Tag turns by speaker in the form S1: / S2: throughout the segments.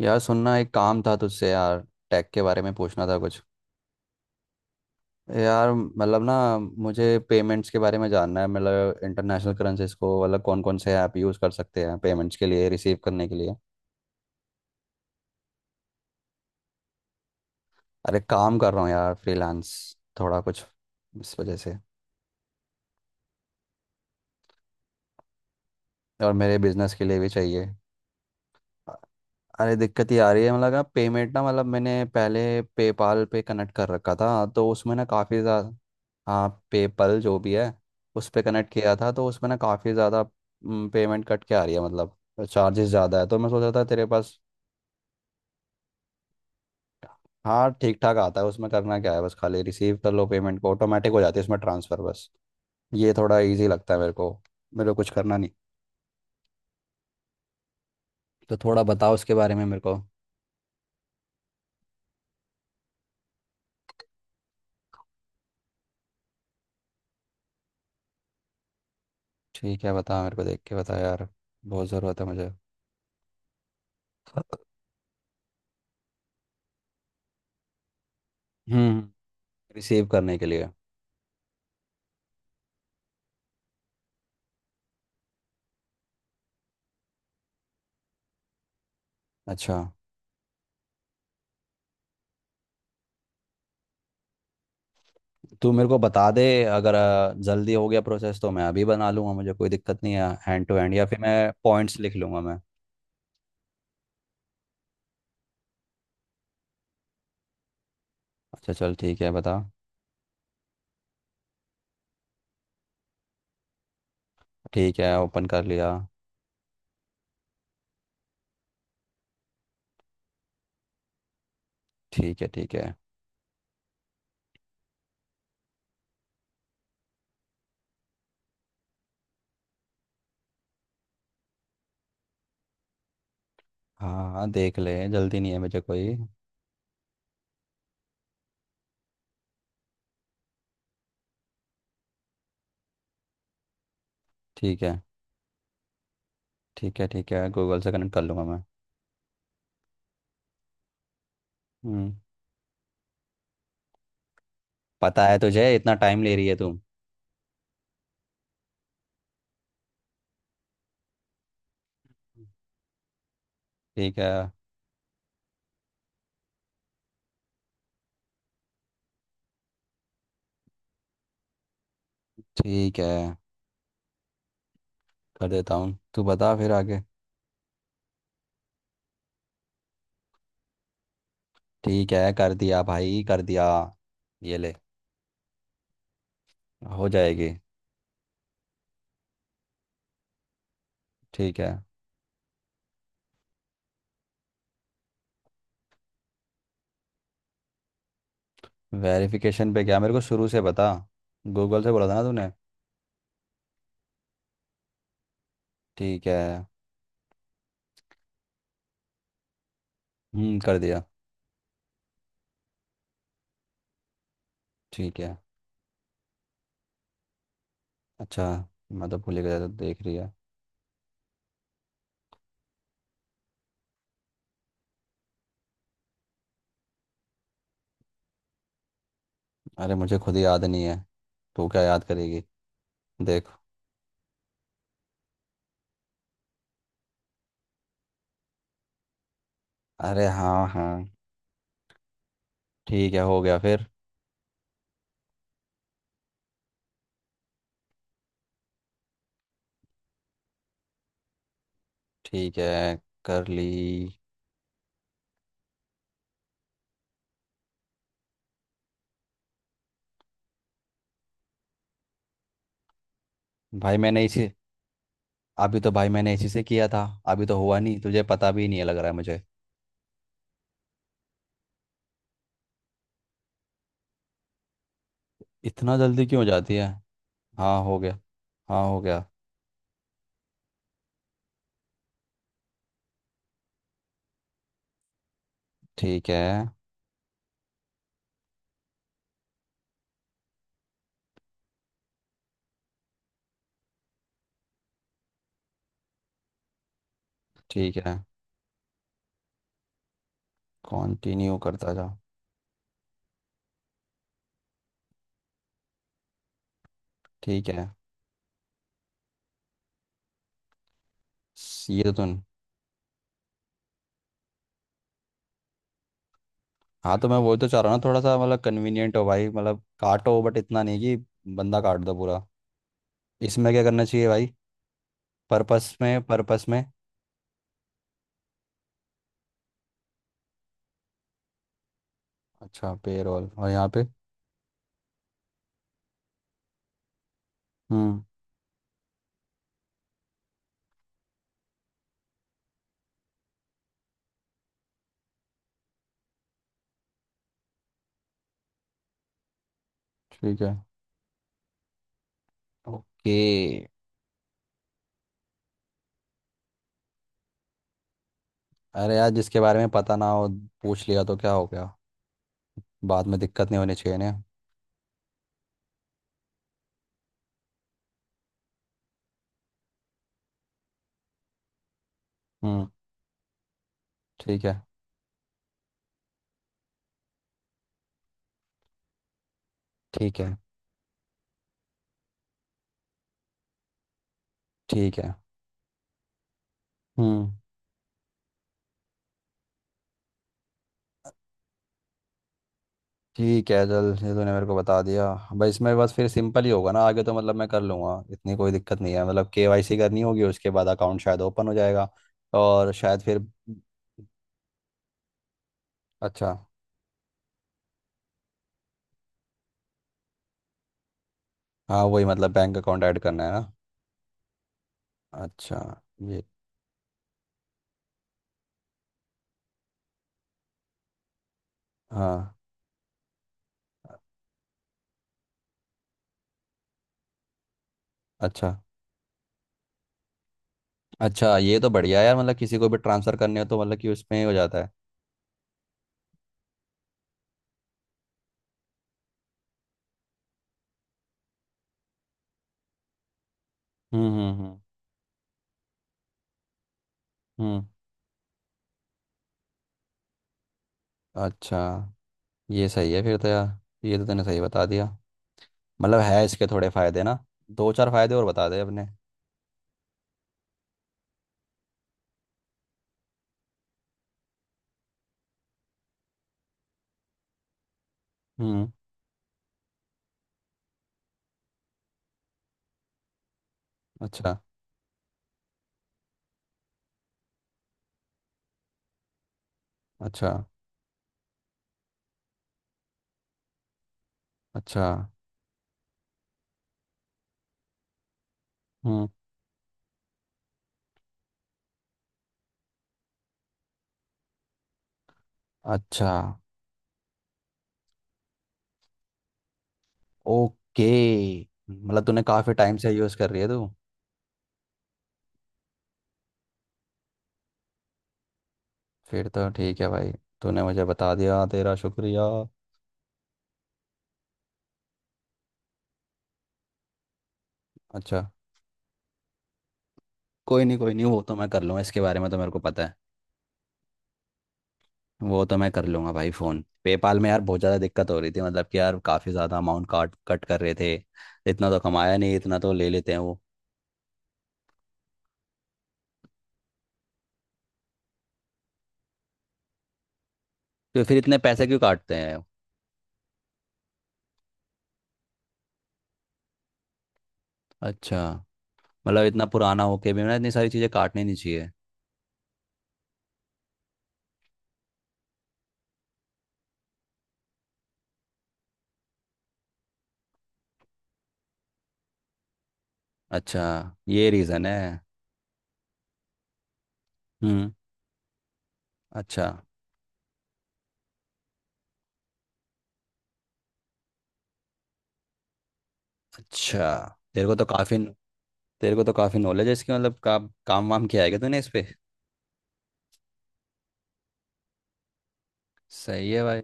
S1: यार सुनना एक काम था तुझसे यार। टैक के बारे में पूछना था कुछ। यार मतलब ना, मुझे पेमेंट्स के बारे में जानना है। मतलब इंटरनेशनल करेंसीज को, मतलब कौन कौन से ऐप यूज़ कर सकते हैं पेमेंट्स के लिए, रिसीव करने के लिए। अरे काम कर रहा हूँ यार, फ्रीलांस। थोड़ा कुछ इस वजह से। और मेरे बिजनेस के लिए भी चाहिए। अरे दिक्कत ये आ रही है मतलब, ना पेमेंट ना, मतलब मैंने पहले पेपाल पे कनेक्ट कर रखा था, तो उसमें ना काफ़ी ज़्यादा। हाँ, पेपल जो भी है, उस पे कनेक्ट किया था, तो उसमें ना काफ़ी ज़्यादा पेमेंट कट के आ रही है। मतलब चार्जेस ज़्यादा है, तो मैं सोच रहा था तेरे पास। हाँ ठीक ठाक आता है, उसमें करना क्या है, बस खाली रिसीव कर लो पेमेंट को, ऑटोमेटिक हो जाती है उसमें ट्रांसफ़र बस। ये थोड़ा इजी लगता है मेरे को। मेरे को कुछ करना नहीं। तो थोड़ा बताओ उसके बारे में मेरे को। ठीक है, बता मेरे को, देख के बता यार, बहुत ज़रूरत है मुझे। हम्म, रिसीव करने के लिए। अच्छा। तू मेरे को बता दे, अगर जल्दी हो गया प्रोसेस तो मैं अभी बना लूँगा, मुझे कोई दिक्कत नहीं है, हैंड टू हैंड, या फिर मैं पॉइंट्स लिख लूँगा मैं। अच्छा चल ठीक है, बता। ठीक है, ओपन कर लिया। ठीक है ठीक है। हाँ हाँ देख ले, जल्दी नहीं है मुझे कोई। ठीक है। ठीक है। ठीक है, गूगल से कनेक्ट कर लूँगा मैं। हम्म। पता है तुझे, इतना टाइम ले रही है तू। ठीक है। ठीक है, कर देता हूँ, तू बता फिर आगे। ठीक है कर दिया भाई, कर दिया, ये ले। हो जाएगी। ठीक है। वेरिफिकेशन पे क्या? मेरे को शुरू से बता, गूगल से बोला था ना तूने। ठीक है। हम्म, कर दिया। ठीक है। अच्छा। मैं तो भूल ही गया था, देख रही है। अरे मुझे खुद ही याद नहीं है, तू क्या याद करेगी, देख। अरे हाँ हाँ। ठीक है, हो गया फिर। ठीक है, कर ली। भाई मैंने इसी अभी तो भाई मैंने इसी से किया था। अभी तो हुआ नहीं, तुझे पता भी नहीं है लग रहा है मुझे। इतना जल्दी क्यों हो जाती है? हाँ हो गया। हाँ हो गया। ठीक है। ठीक है। कंटिन्यू करता जा। ठीक है। ये तो तुम। हाँ तो मैं वही तो चाह रहा हूँ ना, थोड़ा सा मतलब कन्वीनियंट हो भाई, मतलब काटो बट इतना नहीं कि बंदा काट दो पूरा। इसमें क्या करना चाहिए भाई? पर्पस में, पर्पस में। अच्छा, पेरोल, और यहाँ पे? हम्म। ठीक है। ओके। अरे यार, जिसके बारे में पता ना हो, पूछ लिया तो क्या हो गया? बाद में दिक्कत नहीं होनी चाहिए ना। हम्म। ठीक है। ठीक है। ठीक है। हम्म। ठीक है चल, ये तूने मेरे को बता दिया। भाई इसमें बस फिर सिंपल ही होगा ना आगे तो, मतलब मैं कर लूँगा, इतनी कोई दिक्कत नहीं है। मतलब केवाईसी करनी होगी, उसके बाद अकाउंट शायद ओपन हो जाएगा। और शायद फिर। अच्छा। हाँ, वही मतलब, बैंक अकाउंट ऐड करना है ना। अच्छा। ये? हाँ। अच्छा। अच्छा ये तो बढ़िया है यार, मतलब किसी को भी ट्रांसफ़र करने हो तो मतलब कि उसमें ही हो जाता है। हम्म। हम्म, अच्छा। ये सही है फिर तो यार। ये तो तूने सही बता दिया। मतलब है इसके थोड़े फायदे ना। दो चार फायदे और बता दे अपने। हम्म। अच्छा। अच्छा। अच्छा। हम्म। अच्छा। ओके। मतलब तूने काफ़ी टाइम से यूज़ कर रही है तू? फिर तो ठीक है भाई। तूने मुझे बता दिया, तेरा शुक्रिया। अच्छा। कोई नहीं, कोई नहीं, वो तो मैं कर लूँगा, इसके बारे में तो मेरे को पता है। वो तो मैं कर लूँगा भाई फ़ोन। पेपाल में यार बहुत ज़्यादा दिक्कत हो रही थी, मतलब कि यार काफ़ी ज़्यादा अमाउंट काट कट कर रहे थे। इतना तो कमाया नहीं, इतना तो ले लेते हैं वो। तो फिर इतने पैसे क्यों काटते हैं? अच्छा। मतलब इतना पुराना होके भी ना, इतनी सारी चीज़ें काटनी नहीं चाहिए। अच्छा, ये रीजन है। हम्म। अच्छा। अच्छा। तेरे को तो काफी। तेरे को तो काफी नॉलेज है इसकी, मतलब काम वाम किया है क्या तूने इस पे? सही है भाई।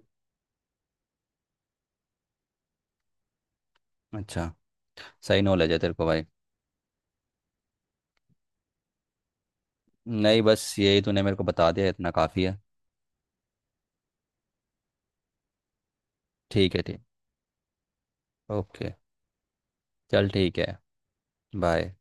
S1: अच्छा। सही नॉलेज है तेरे को भाई। नहीं, बस यही तूने मेरे को बता दिया, इतना काफी है। ठीक है ठीक। ओके। चल ठीक है। बाय।